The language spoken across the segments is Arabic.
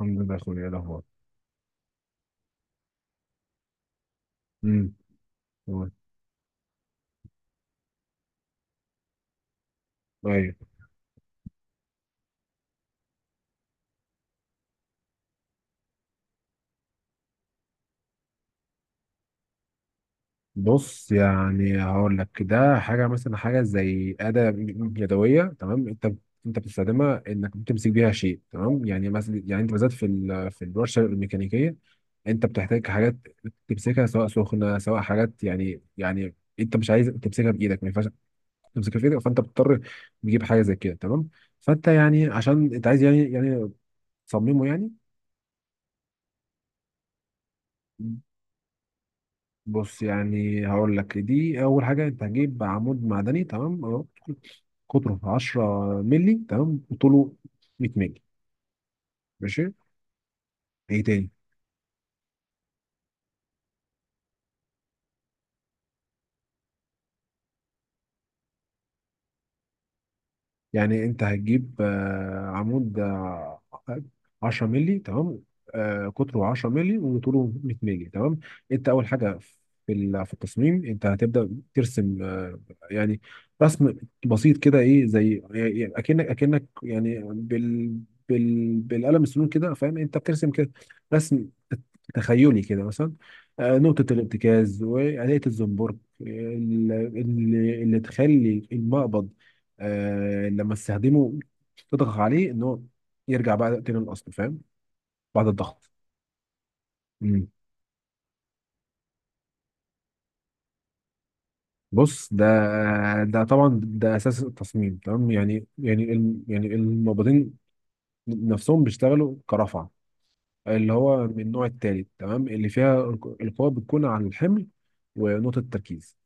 الحمد لله يا اخويا. إيه الاخبار؟ امم طيب. بص، يعني هقول لك ده حاجه، مثلا حاجه زي اداه يدويه، تمام؟ انت بتستخدمها انك بتمسك بيها شيء، تمام؟ يعني مثلا، يعني انت بالذات في في الورشه الميكانيكيه انت بتحتاج حاجات تمسكها، سواء سخنه سواء حاجات، يعني انت مش عايز تمسكها بايدك، ما ينفعش تمسكها في ايدك، فانت بتضطر تجيب حاجه زي كده، تمام؟ فانت يعني عشان انت عايز، يعني تصممه يعني. بص، يعني هقول لك دي اول حاجه. انت هتجيب عمود معدني تمام، اهو قطره 10 مللي، تمام، وطوله 100 مللي، ماشي؟ ايه تاني؟ يعني انت هتجيب عمود، 10 مللي تمام، قطره 10 مللي وطوله 100 مللي، تمام. انت اول حاجه في في التصميم انت هتبدا ترسم، يعني رسم بسيط كده. ايه زي يعني اكنك يعني بال بالقلم السنون كده، فاهم؟ انت بترسم كده رسم تخيلي كده، مثلا نقطه الارتكاز وآلية الزنبرك اللي تخلي المقبض آه لما تستخدمه تضغط عليه ان هو يرجع بقى تاني للاصل، فاهم؟ بعد الضغط. مم. بص، ده ده طبعا ده اساس التصميم، تمام؟ يعني يعني المبيضين نفسهم بيشتغلوا كرفعه، اللي هو من النوع الثالث تمام، اللي فيها القوه بتكون على الحمل ونقطه التركيز.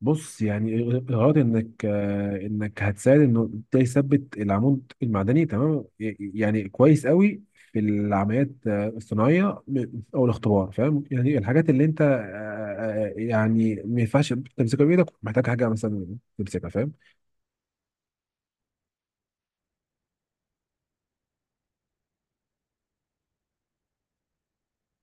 بص يعني، غرض انك انك هتساعد انه ده يثبت العمود المعدني تمام، يعني كويس قوي في العمليات الصناعيه او الاختبار، فاهم؟ يعني الحاجات اللي انت، يعني ما ينفعش تمسكها بايدك، محتاج حاجه مثلا تمسكها، فاهم؟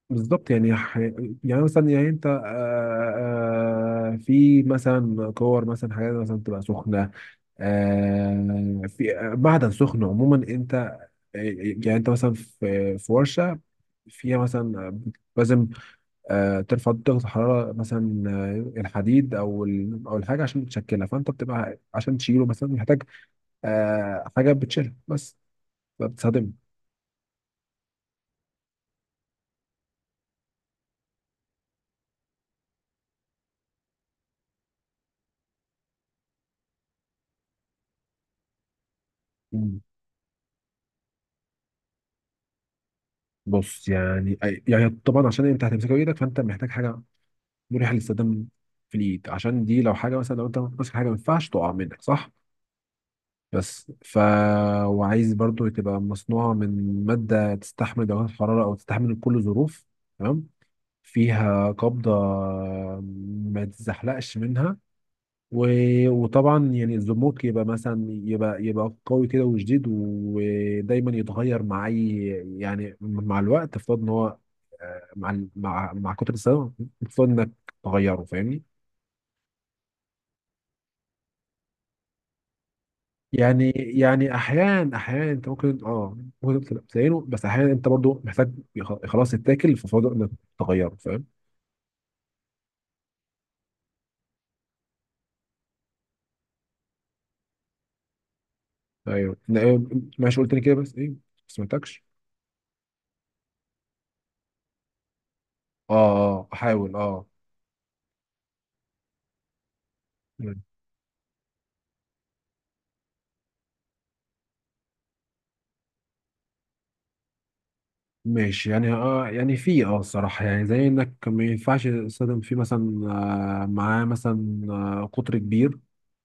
بالظبط، يعني يعني مثلا يعني انت، في مثلا كور، مثلا حاجات مثلا تبقى سخنه، في معدن سخن عموما. انت يعني انت مثلا في ورشه فيها مثلا لازم ترفع درجه الحراره مثلا، الحديد او الحاجه عشان تشكلها، فانت بتبقى عشان تشيله مثلا محتاج حاجه بتشيلها بس، فبتستخدمها. مم. بص يعني، يعني طبعا عشان انت هتمسكها بايدك، فانت محتاج حاجه مريحه للاستخدام في الايد، عشان دي لو حاجه مثلا، لو انت ماسك حاجه ما ينفعش تقع منك، صح؟ بس ف، وعايز برضو تبقى مصنوعة من مادة تستحمل درجات الحرارة، أو تستحمل كل ظروف تمام، فيها قبضة ما تزحلقش منها، و... وطبعا يعني الزموك يبقى مثلا، يبقى قوي كده وشديد، ودايما يتغير مع أي، يعني مع الوقت افترض إن هو مع مع كتر السنة المفروض إنك تغيره، فاهمني؟ يعني احيان احيان انت ممكن اه ممكن تبقى بتعينه، بس احيانا انت برضو محتاج خلاص يتاكل، ففضل انك تغيره، فاهم؟ ايوه. إيه، ماشي، قلت لي كده بس ايه ما سمعتكش. اه اه احاول اه. مم. ماشي يعني، اه يعني في اه الصراحه، يعني زي انك ما ينفعش تصطدم فيه مثلا، آه معاه مثلا آه قطر كبير.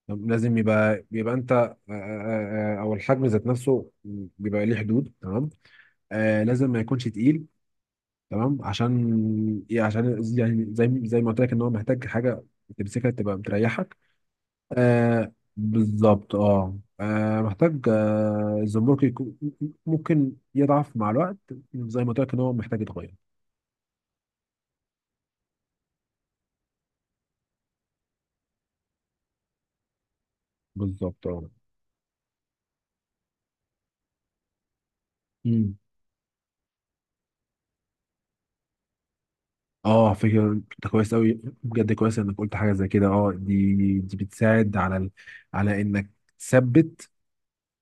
طب لازم يبقى انت او الحجم ذات نفسه بيبقى ليه حدود، تمام؟ آه لازم ما يكونش تقيل، تمام؟ عشان ايه؟ عشان يعني زي ما قلت لك ان هو محتاج حاجه تمسكها تبقى بتريحك. آه بالظبط اه، محتاج آه الزمرك يكون، ممكن يضعف مع الوقت زي ما قلت لك ان هو محتاج يتغير. بالظبط اه. مم. اه فكرة، انت كويس قوي بجد، كويس انك قلت حاجة زي كده. اه دي بتساعد على ال... على انك تثبت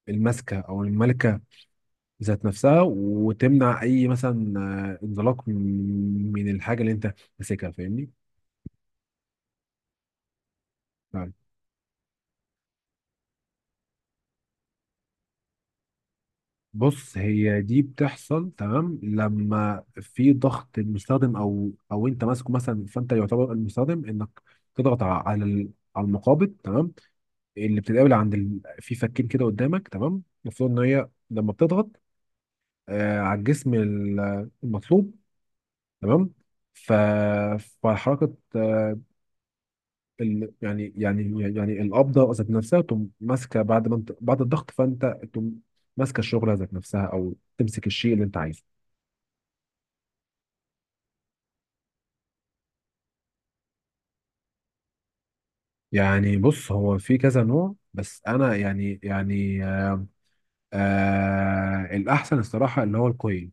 المسكة او الملكة ذات نفسها، وتمنع اي مثلا انزلاق من الحاجه اللي انت ماسكها، فاهمني؟ فعلا. بص هي دي بتحصل تمام لما في ضغط المستخدم، او انت ماسكه مثلا، فانت يعتبر المستخدم انك تضغط على المقابض، تمام؟ اللي بتتقابل عند ال... في فكين كده قدامك، تمام؟ المفروض ان هي لما بتضغط آه على الجسم المطلوب، تمام. ف... فحركه ال... يعني القبضه ذات نفسها تقوم ماسكه، بعد ما انت بعد الضغط فانت تقوم ماسكه الشغله ذات نفسها، او تمسك الشيء اللي انت عايزه. يعني بص، هو في كذا نوع، بس انا يعني الاحسن الصراحه اللي هو الكوين،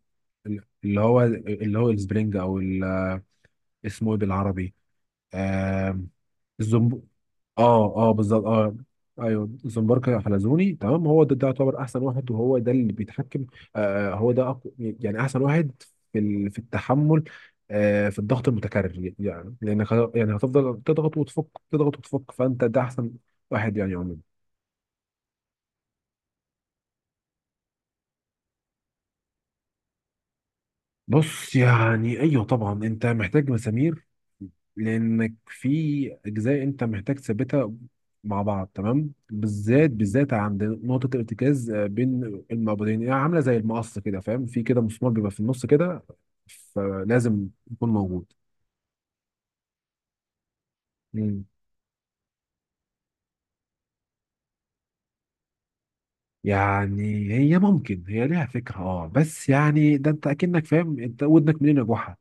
اللي هو السبرينج، اسمه ايه بالعربي؟ آم، الزنب، اه. اه بالظبط اه. ايوه الزنبرك حلزوني تمام، هو ده يعتبر احسن واحد، وهو ده اللي بيتحكم. هو ده يعني احسن واحد في ال... في التحمل آه في الضغط المتكرر، يعني لانك يعني هتفضل تضغط وتفك، تضغط وتفك، فانت ده احسن واحد يعني عموما. بص يعني، ايوه طبعا انت محتاج مسامير، لانك في اجزاء انت محتاج تثبتها مع بعض، تمام؟ بالذات عند نقطه الارتكاز بين المعبدين، يعني عامله زي المقص كده فاهم، في كده مسمار بيبقى في النص كده، فلازم يكون موجود. مم. يعني هي ممكن، هي ليها فكره اه، بس يعني ده انت اكنك فاهم انت ودنك منين يا جحا.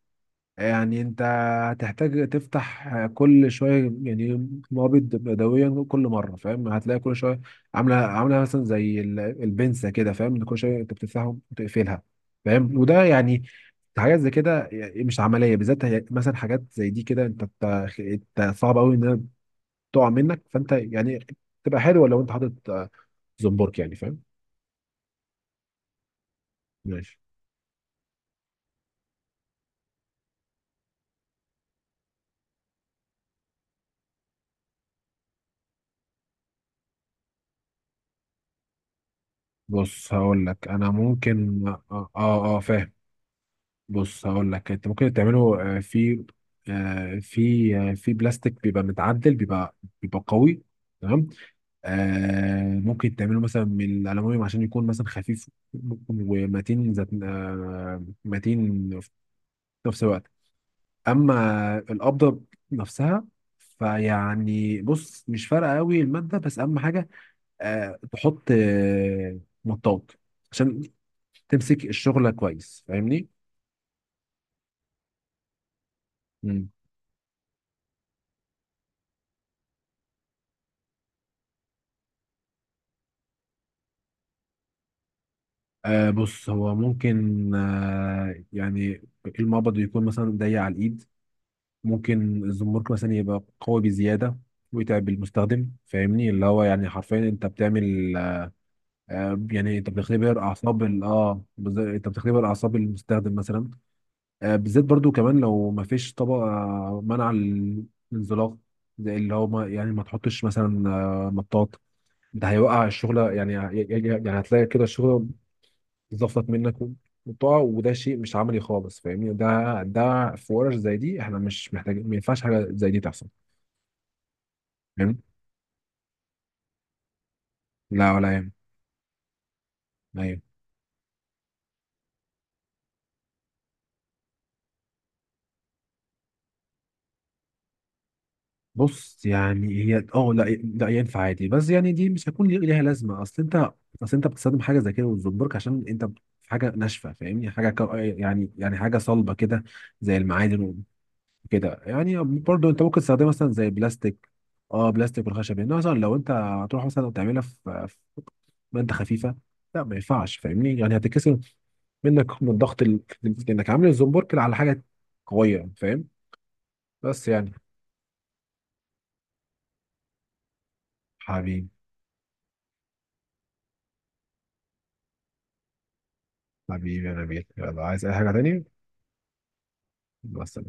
يعني انت هتحتاج تفتح كل شويه يعني، نابض بدويا كل مره، فاهم؟ هتلاقي كل شويه عامله مثلا زي البنسه كده، فاهم؟ كل شويه انت بتفتحها وتقفلها، فاهم؟ وده يعني حاجات زي كده يعني مش عمليه. بالذات مثلا حاجات زي دي كده، انت انت صعب قوي انها تقع منك، فانت يعني تبقى حلوه لو انت حاطط زنبرك، يعني فاهم؟ ماشي. بص هقول لك، انا ممكن اه. اه فاهم. بص هقول لك، انت ممكن تعمله في في بلاستيك، بيبقى متعدل، بيبقى قوي، تمام. ممكن تعمله مثلا من الالومنيوم، عشان يكون مثلا خفيف ومتين، ذات متين في نفس الوقت. اما القبضه نفسها، فيعني بص مش فارقه قوي الماده، بس اهم حاجه تحط مطاط عشان تمسك الشغله كويس، فاهمني؟ بص هو ممكن آه يعني المقبض يكون مثلا ضيق على الايد، ممكن الزمرك مثلا يبقى قوي بزياده، ويتعب المستخدم، فاهمني؟ اللي هو يعني حرفيا انت بتعمل يعني انت بتختبر اعصاب ال-، اه انت بتختبر اعصاب المستخدم مثلا. آه، بالذات برضو كمان لو ما فيش طبقه منع الانزلاق، زي اللي هو ما يعني ما تحطش مثلا آه مطاط، ده هيوقع الشغل. يعني هتلاقي كده الشغل زفت منك، قطع، وده شيء مش عملي خالص، فاهمني؟ ده في ورش زي دي احنا مش محتاجين، ما ينفعش حاجه زي دي تحصل. فاهم. لا ولا يهم. لا يهم. بص يعني، هي اه لا ينفع عادي، بس يعني دي مش هيكون ليها لازمه. اصل انت، اصل انت بتستخدم حاجه زي كده وتزبرك عشان انت في حاجه ناشفه، فاهمني؟ حاجه يعني يعني حاجه صلبه كده زي المعادن وكده، يعني برضو انت ممكن تستخدمها مثلا زي بلاستيك. اه بلاستيك والخشب، يعني مثلا لو انت هتروح مثلا تعملها في ماده خفيفه، لا ما ينفعش، فاهمني؟ يعني هتتكسر منك من ضغط ال... انك عامل الزنبرك على حاجه قويه، فاهم؟ بس يعني. حبيبي. حبيبي يا نبيل، يلا عايز اي حاجه تانية؟ بس.